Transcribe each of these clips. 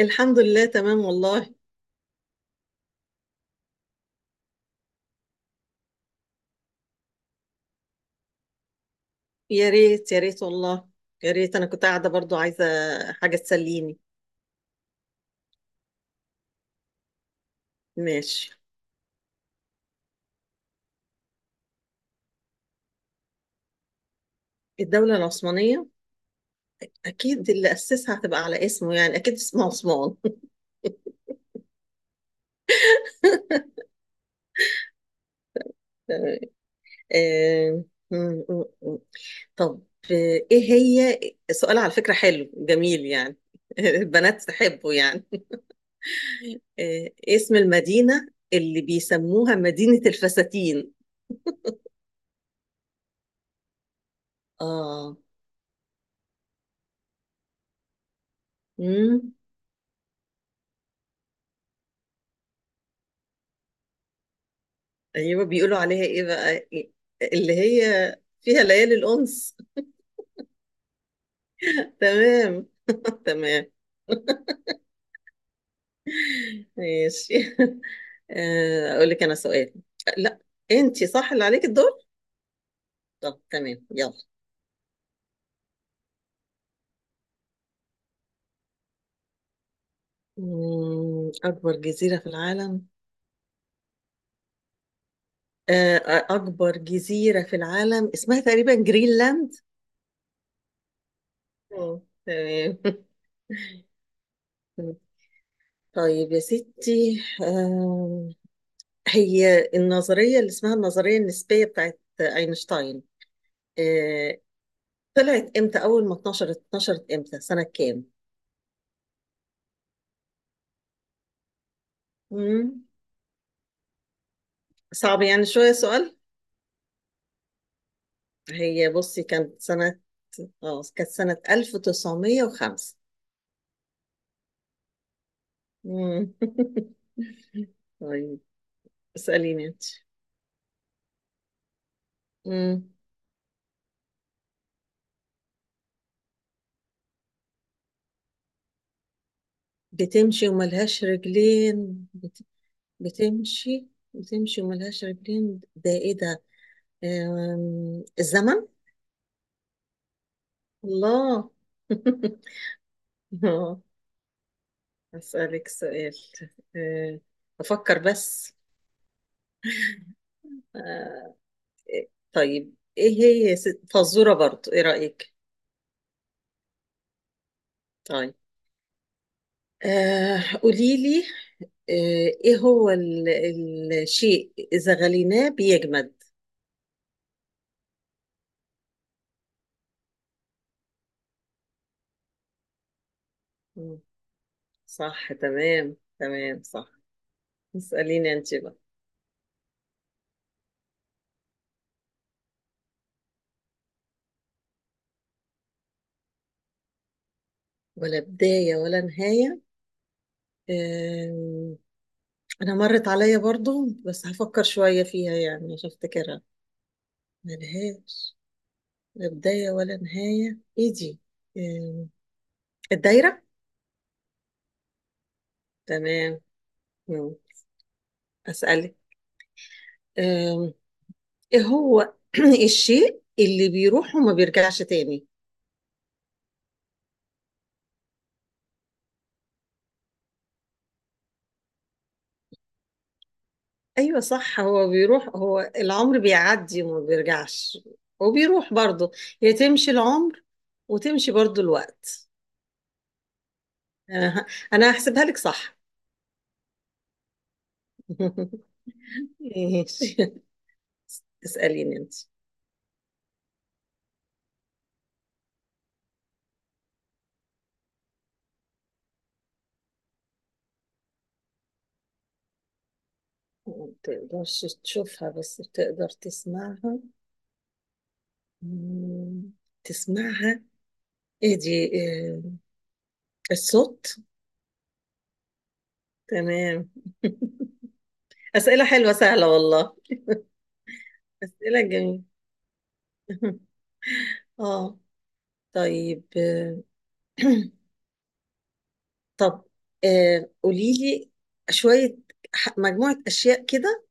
الحمد لله، تمام والله. يا ريت، يا ريت والله. يا ريت انا كنت قاعده برضو عايزه حاجه تسليني. ماشي. الدوله العثمانيه، اكيد اللي اسسها هتبقى على اسمه، يعني اكيد اسمه عثمان. آه، م- م- م. طب. ايه هي؟ سؤال على فكره حلو جميل يعني. البنات تحبه يعني. اسم المدينه اللي بيسموها مدينه الفساتين. اه، ايوه، بيقولوا عليها ايه بقى؟ اللي هي فيها ليالي الانس. تمام. تمام. ماشي. اقول لك انا سؤال. لا، انت صح اللي عليك الدور. طب تمام، يلا. اكبر جزيرة في العالم. آه، اكبر جزيرة في العالم اسمها تقريبا جرينلاند. مم، تمام. طيب يا ستي. هي النظرية اللي اسمها النظرية النسبية بتاعت اينشتاين، آه، طلعت امتى؟ اول ما اتنشرت امتى، سنة كام؟ مم. صعب يعني شوية سؤال. هي بصي، كانت سنة 1905. مم. طيب، اسأليني انت. مم. بتمشي وملهاش رجلين. بتمشي بتمشي وملهاش رجلين، ده ايه ده؟ الزمن. الله. آه، أسألك سؤال. آه، أفكر بس. آه، طيب ايه هي يا ست، فزورة برضو، ايه رأيك؟ طيب. قولي لي. آه ايه هو الشيء اذا غليناه بيجمد؟ مم. صح، تمام تمام، صح. اسأليني انت بقى. ولا بداية ولا نهاية، آه انا مرت عليا برضو، بس هفكر شوية فيها يعني عشان افتكرها. ملهاش لا بداية ولا نهاية، ايه دي؟ آه الدايرة. تمام. مم. أسألك، إيه هو الشيء اللي بيروح وما بيرجعش تاني؟ ايوه صح، هو بيروح، هو العمر بيعدي وما بيرجعش، وبيروح برضه. هي تمشي العمر، وتمشي برضه الوقت. انا ه- انا هحسبها لك صح. ماشي. اسأليني انت. ما تقدرش تشوفها بس بتقدر تسمعها. مم، تسمعها، ايه دي إيه؟ الصوت. تمام. أسئلة حلوة سهلة والله. أسئلة جميلة. اه، طيب. طب. قوليلي شوية مجموعة أشياء كده.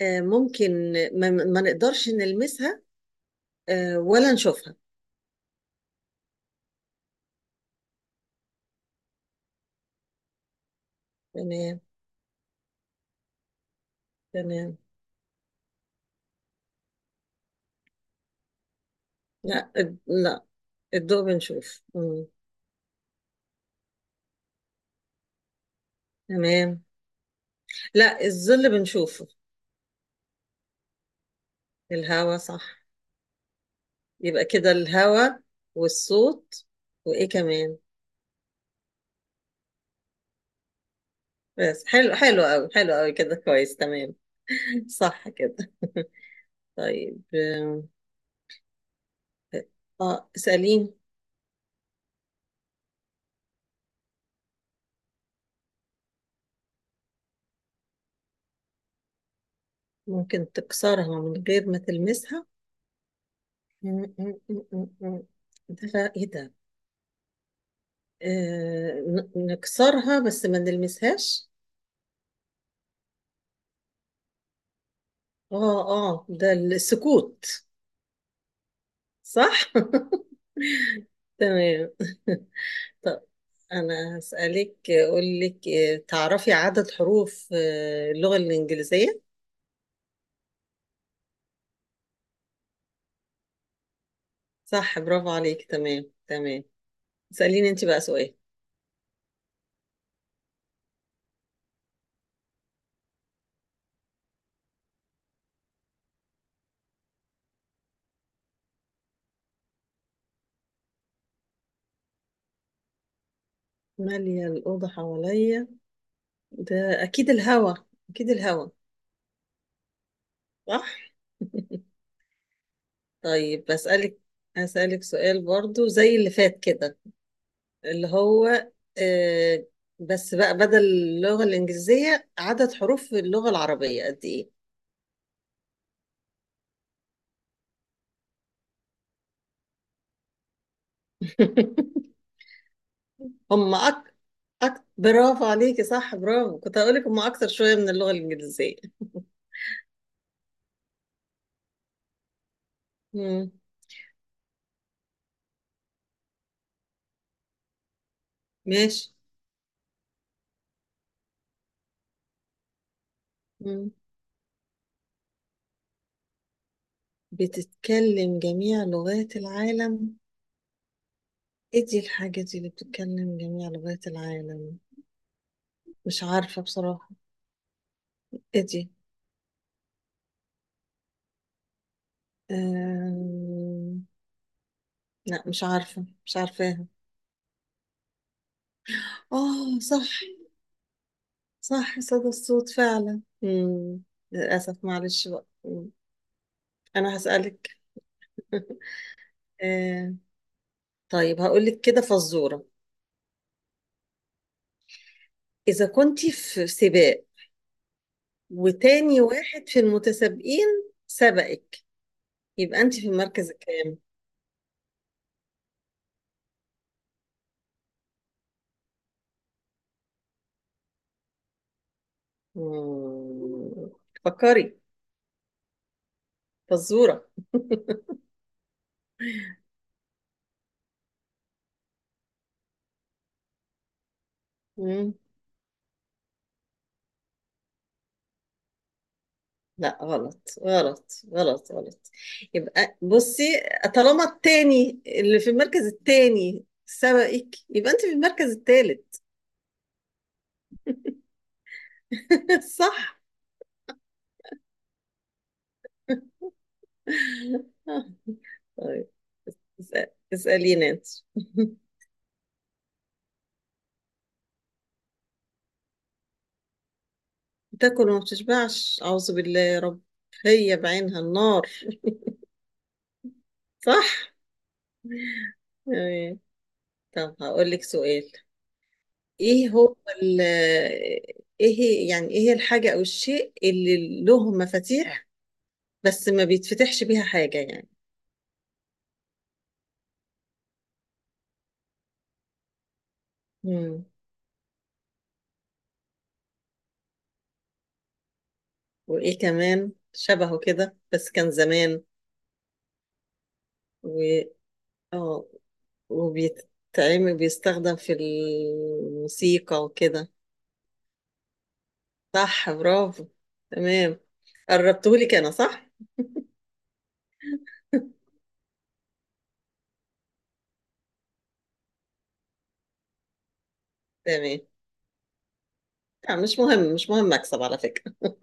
ممكن ما نقدرش نلمسها، ولا نشوفها. تمام تمام. لا، لا، الضوء بنشوف. مم. تمام. لا، الظل بنشوفه. الهوا صح. يبقى كده الهوا، والصوت، وإيه كمان؟ بس حلو، حلو قوي، حلو قوي كده، كويس، تمام. صح كده. طيب. اه، اسأليني. ممكن تكسرها من غير ما تلمسها؟ م- م- م- م- م. ده بقى ايه ده؟ نكسرها بس ما نلمسهاش. اه اه، ده السكوت. صح. تمام. طب انا هسألك، اقول لك، تعرفي عدد حروف اللغة الإنجليزية؟ صح، برافو عليك، تمام تمام. اسأليني انت بقى سؤال. مالية الأوضة حواليا، ده أكيد الهوا، أكيد الهوا، صح؟ طيب بسألك، أسألك سؤال برضو زي اللي فات كده، اللي هو، آه بس بقى بدل اللغة الإنجليزية، عدد حروف في اللغة العربية قد إيه؟ هم أك... برافو عليكي، صح، برافو. كنت هقولك هم أكتر شوية من اللغة الإنجليزية. مم. ماشي. مم. بتتكلم جميع لغات العالم. إيه دي الحاجة دي اللي بتتكلم جميع لغات العالم؟ مش عارفة بصراحة. إيه دي؟ آم، لا مش عارفة، مش عارفاها. اه صح. صح، صدى الصوت فعلا. مم. للأسف، معلش بقى. مم. أنا هسألك. آه. طيب، هقولك كده فزورة. إذا كنت في سباق، وتاني واحد في المتسابقين سبقك، يبقى أنت في المركز الكام؟ مم. فكري، فزورة. مم. لا غلط غلط غلط غلط. يبقى بصي، طالما التاني اللي في المركز التاني سبقك، يبقى انت في المركز التالت. صح. طيب. اسأل- اسأليني انت. تاكل وما بتشبعش، أعوذ بالله يا رب. هي بعينها النار. صح. تمام. طب هقول لك سؤال. ايه هو ال ايه هي يعني ايه هي الحاجة او الشيء اللي له مفاتيح، بس ما بيتفتحش بيها حاجة يعني. مم. وايه كمان شبهه كده، بس كان زمان، و اه وبيتعمل بيستخدم في الموسيقى وكده. صح، برافو. تمام. قربتهولي انا، صح. تمام. مش مهم، مش مهم اكسب على فكرة.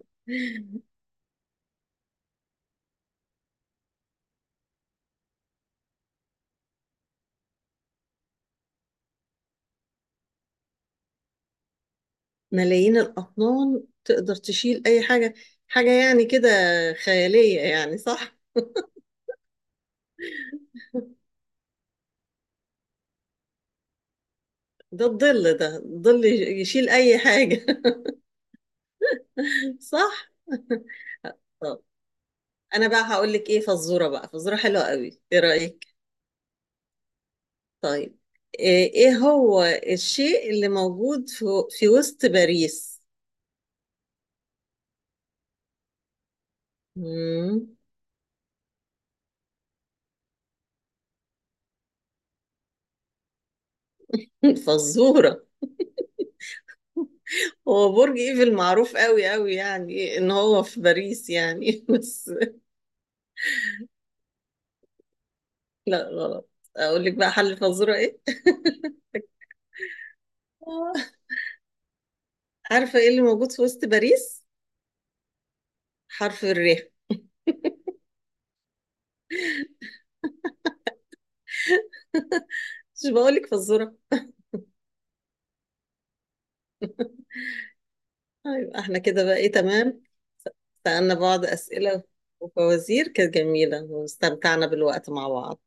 ملايين الأطنان تقدر تشيل أي حاجة. حاجة يعني كده خيالية يعني، صح. ده الظل، ده الظل يشيل أي حاجة. صح. انا بقى هقول لك ايه فزوره بقى، فزوره حلوه قوي، ايه رايك؟ طيب. إيه هو الشيء اللي موجود في وسط باريس؟ مم. فزوره. هو برج ايفل معروف قوي قوي يعني ان هو في باريس يعني. بس لا، غلط. اقول لك بقى حل الفزوره ايه. عارفه ايه اللي موجود في وسط باريس؟ حرف الر. مش بقول لك فزوره؟ ايوه احنا كده بقى، ايه، تمام. سألنا بعض أسئلة وفوازير كانت جميلة، واستمتعنا بالوقت مع بعض.